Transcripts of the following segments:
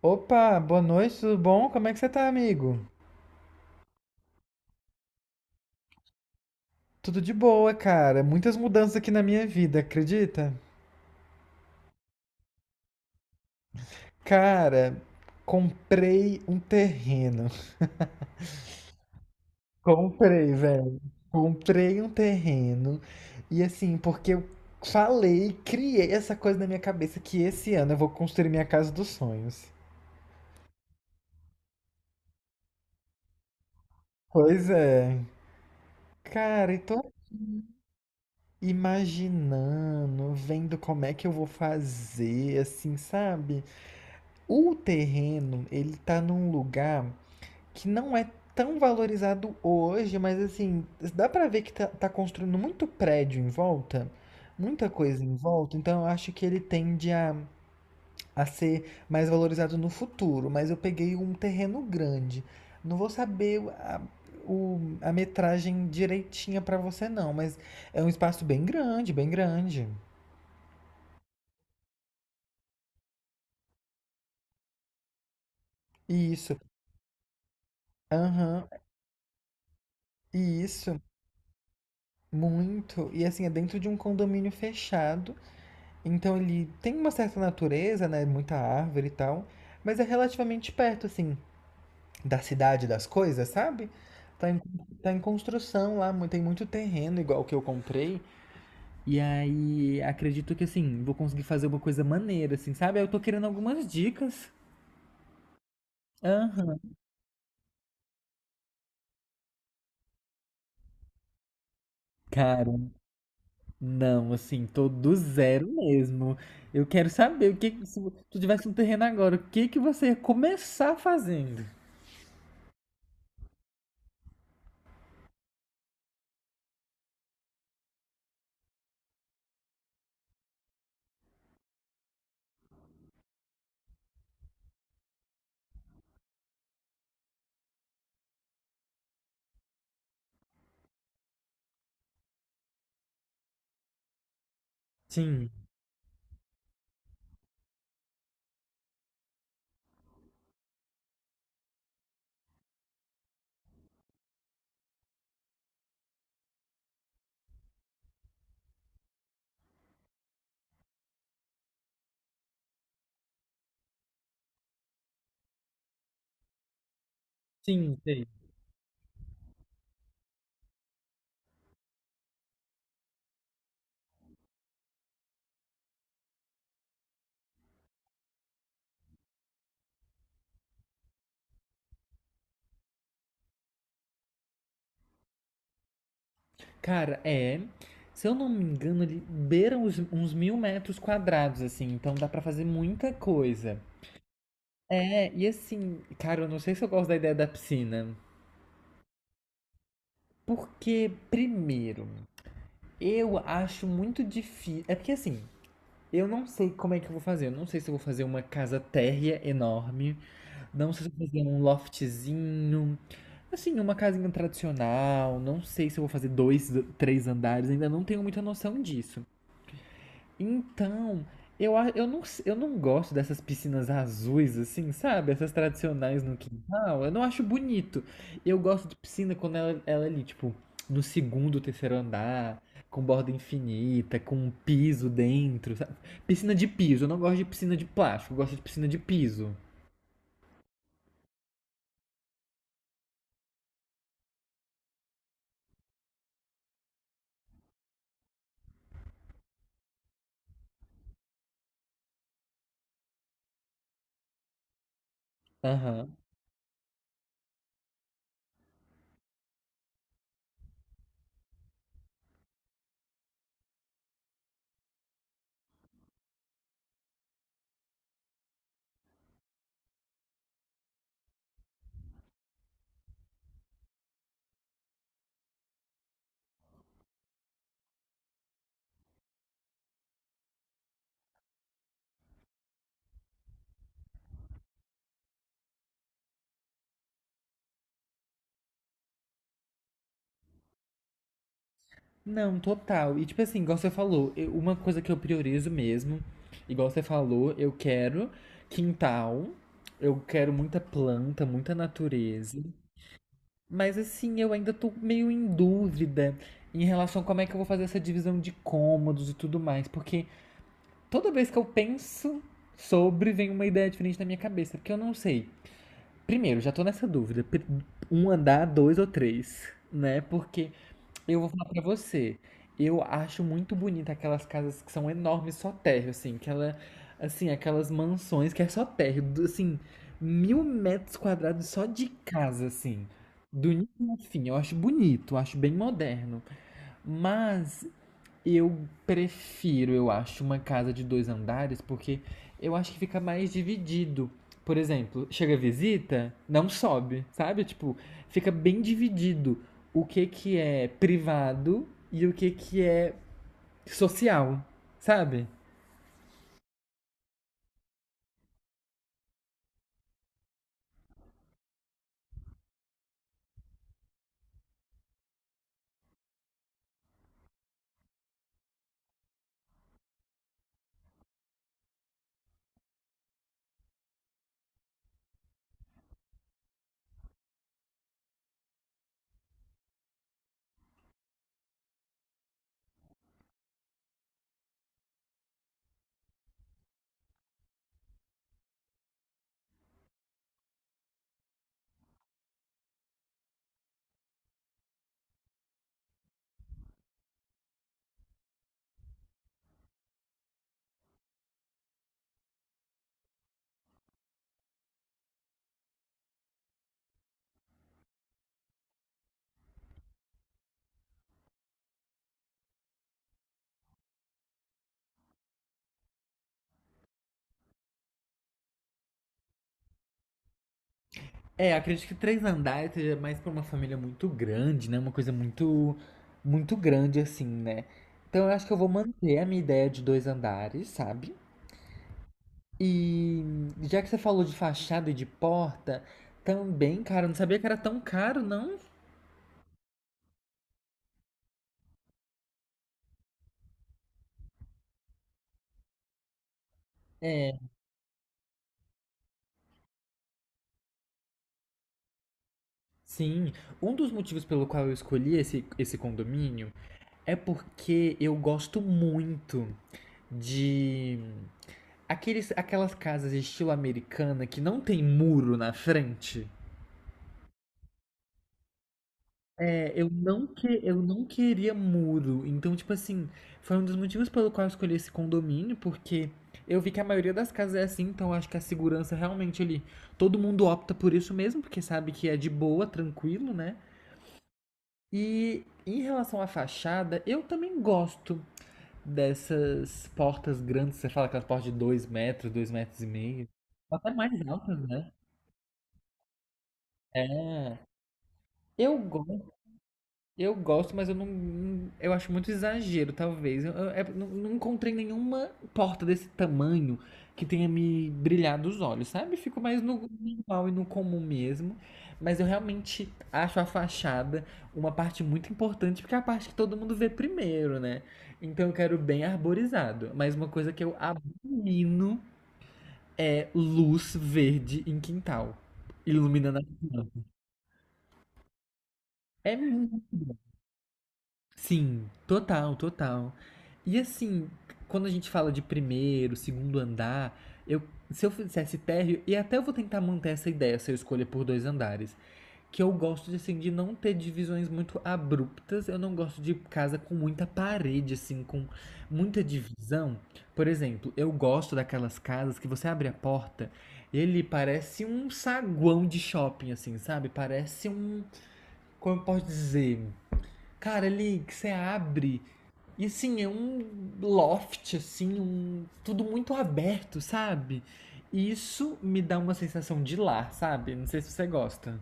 Opa, boa noite, tudo bom? Como é que você tá, amigo? Tudo de boa, cara. Muitas mudanças aqui na minha vida, acredita? Cara, comprei um terreno. Comprei, velho. Comprei um terreno. E assim, porque eu falei, criei essa coisa na minha cabeça que esse ano eu vou construir minha casa dos sonhos. Pois é. Cara, e tô imaginando, vendo como é que eu vou fazer, assim, sabe? O terreno, ele tá num lugar que não é tão valorizado hoje, mas assim, dá pra ver que tá construindo muito prédio em volta, muita coisa em volta, então eu acho que ele tende a ser mais valorizado no futuro. Mas eu peguei um terreno grande. Não vou saber a metragem direitinha pra você, não, mas é um espaço bem grande, bem grande. Isso. Aham, isso. Muito. E assim, é dentro de um condomínio fechado. Então ele tem uma certa natureza, né? Muita árvore e tal. Mas é relativamente perto, assim, da cidade das coisas, sabe? Tá em, tá em construção lá, tem muito terreno, igual que eu comprei. E aí, acredito que assim, vou conseguir fazer uma coisa maneira, assim, sabe? Eu tô querendo algumas dicas. Aham. Cara. Não, assim, tô do zero mesmo. Eu quero saber se tu tivesse um terreno agora, o que que você ia começar fazendo? Sim, sim, sei. Cara, é, se eu não me engano, ele beira uns 1.000 metros quadrados, assim, então dá pra fazer muita coisa. É, e assim, cara, eu não sei se eu gosto da ideia da piscina, porque, primeiro, eu acho muito difícil, é porque assim, eu não sei como é que eu vou fazer, eu não sei se eu vou fazer uma casa térrea enorme, não sei se eu vou fazer um loftzinho, assim, uma casinha tradicional. Não sei se eu vou fazer dois, três andares, ainda não tenho muita noção disso. Então, eu, a- eu, não, s- eu não gosto dessas piscinas azuis, assim, sabe? Essas tradicionais no quintal. Eu não acho bonito. Eu gosto de piscina quando ela é ali, tipo, no segundo, terceiro andar, com borda infinita, com um piso dentro, sabe? Piscina de piso. Eu não gosto de piscina de plástico, eu gosto de piscina de piso. Aham. Não, total. E tipo assim, igual você falou, uma coisa que eu priorizo mesmo, igual você falou, eu quero quintal, eu quero muita planta, muita natureza. Mas assim, eu ainda tô meio em dúvida em relação a como é que eu vou fazer essa divisão de cômodos e tudo mais, porque toda vez que eu penso sobre, vem uma ideia diferente na minha cabeça, porque eu não sei. Primeiro, já tô nessa dúvida, um andar, dois ou três, né? Porque eu vou falar pra você. Eu acho muito bonita aquelas casas que são enormes, só térreo, assim, aquelas mansões que é só térreo, assim, 1.000 metros quadrados só de casa, assim, do início ao fim. Eu acho bonito, eu acho bem moderno. Mas eu prefiro, eu acho, uma casa de dois andares, porque eu acho que fica mais dividido. Por exemplo, chega visita, não sobe, sabe? Tipo, fica bem dividido o que que é privado e o que que é social, sabe? É, acredito que três andares seja mais pra uma família muito grande, né? Uma coisa muito, muito grande assim, né? Então eu acho que eu vou manter a minha ideia de dois andares, sabe? E já que você falou de fachada e de porta, também, cara, eu não sabia que era tão caro, não. É, sim. Um dos motivos pelo qual eu escolhi esse condomínio é porque eu gosto muito de aquelas casas estilo americana que não tem muro na frente. É, eu não queria muro. Então, tipo assim, foi um dos motivos pelo qual eu escolhi esse condomínio, porque eu vi que a maioria das casas é assim, então eu acho que a segurança realmente ali, todo mundo opta por isso mesmo, porque sabe que é de boa, tranquilo, né? E em relação à fachada, eu também gosto dessas portas grandes, você fala aquelas portas de 2 metros, 2,5 metros, até mais altas, né? É. Eu gosto. Eu gosto, mas eu não. Eu acho muito exagero, talvez. Não, não encontrei nenhuma porta desse tamanho que tenha me brilhado os olhos, sabe? Fico mais no normal e no comum mesmo. Mas eu realmente acho a fachada uma parte muito importante, porque é a parte que todo mundo vê primeiro, né? Então eu quero bem arborizado. Mas uma coisa que eu abomino é luz verde em quintal, iluminando a. É muito. Sim, total, total. E assim, quando a gente fala de primeiro, segundo andar, eu, se eu fizesse térreo, e até eu vou tentar manter essa ideia se eu escolher por dois andares, que eu gosto assim, de não ter divisões muito abruptas, eu não gosto de casa com muita parede, assim, com muita divisão. Por exemplo, eu gosto daquelas casas que você abre a porta, ele parece um saguão de shopping, assim, sabe? Parece um, como eu posso dizer? Cara, ali que você abre e assim, é um loft, assim. Tudo muito aberto, sabe? E isso me dá uma sensação de lar, sabe? Não sei se você gosta.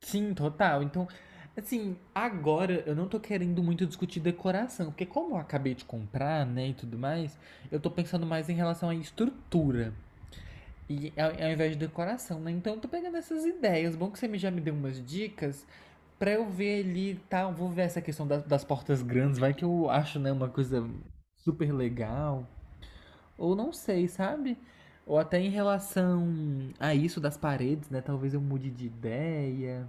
Sim, total. Então, assim, agora eu não tô querendo muito discutir decoração, porque como eu acabei de comprar, né, e tudo mais, eu tô pensando mais em relação à estrutura. E ao invés de decoração, né? Então eu tô pegando essas ideias. Bom que você já me deu umas dicas. Pra eu ver ali, tá, eu vou ver essa questão das portas grandes, vai que eu acho, né, uma coisa super legal, ou não sei, sabe? Ou até em relação a isso das paredes, né, talvez eu mude de ideia.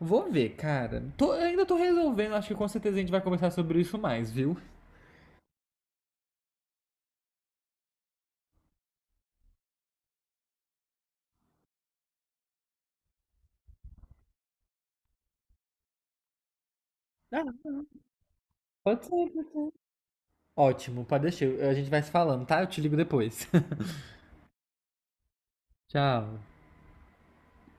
Vou ver, cara. Ainda tô resolvendo, acho que com certeza a gente vai conversar sobre isso mais, viu? Ah, pode ser. Pode ser. Ótimo, pode deixar, a gente vai se falando, tá? Eu te ligo depois. Tchau.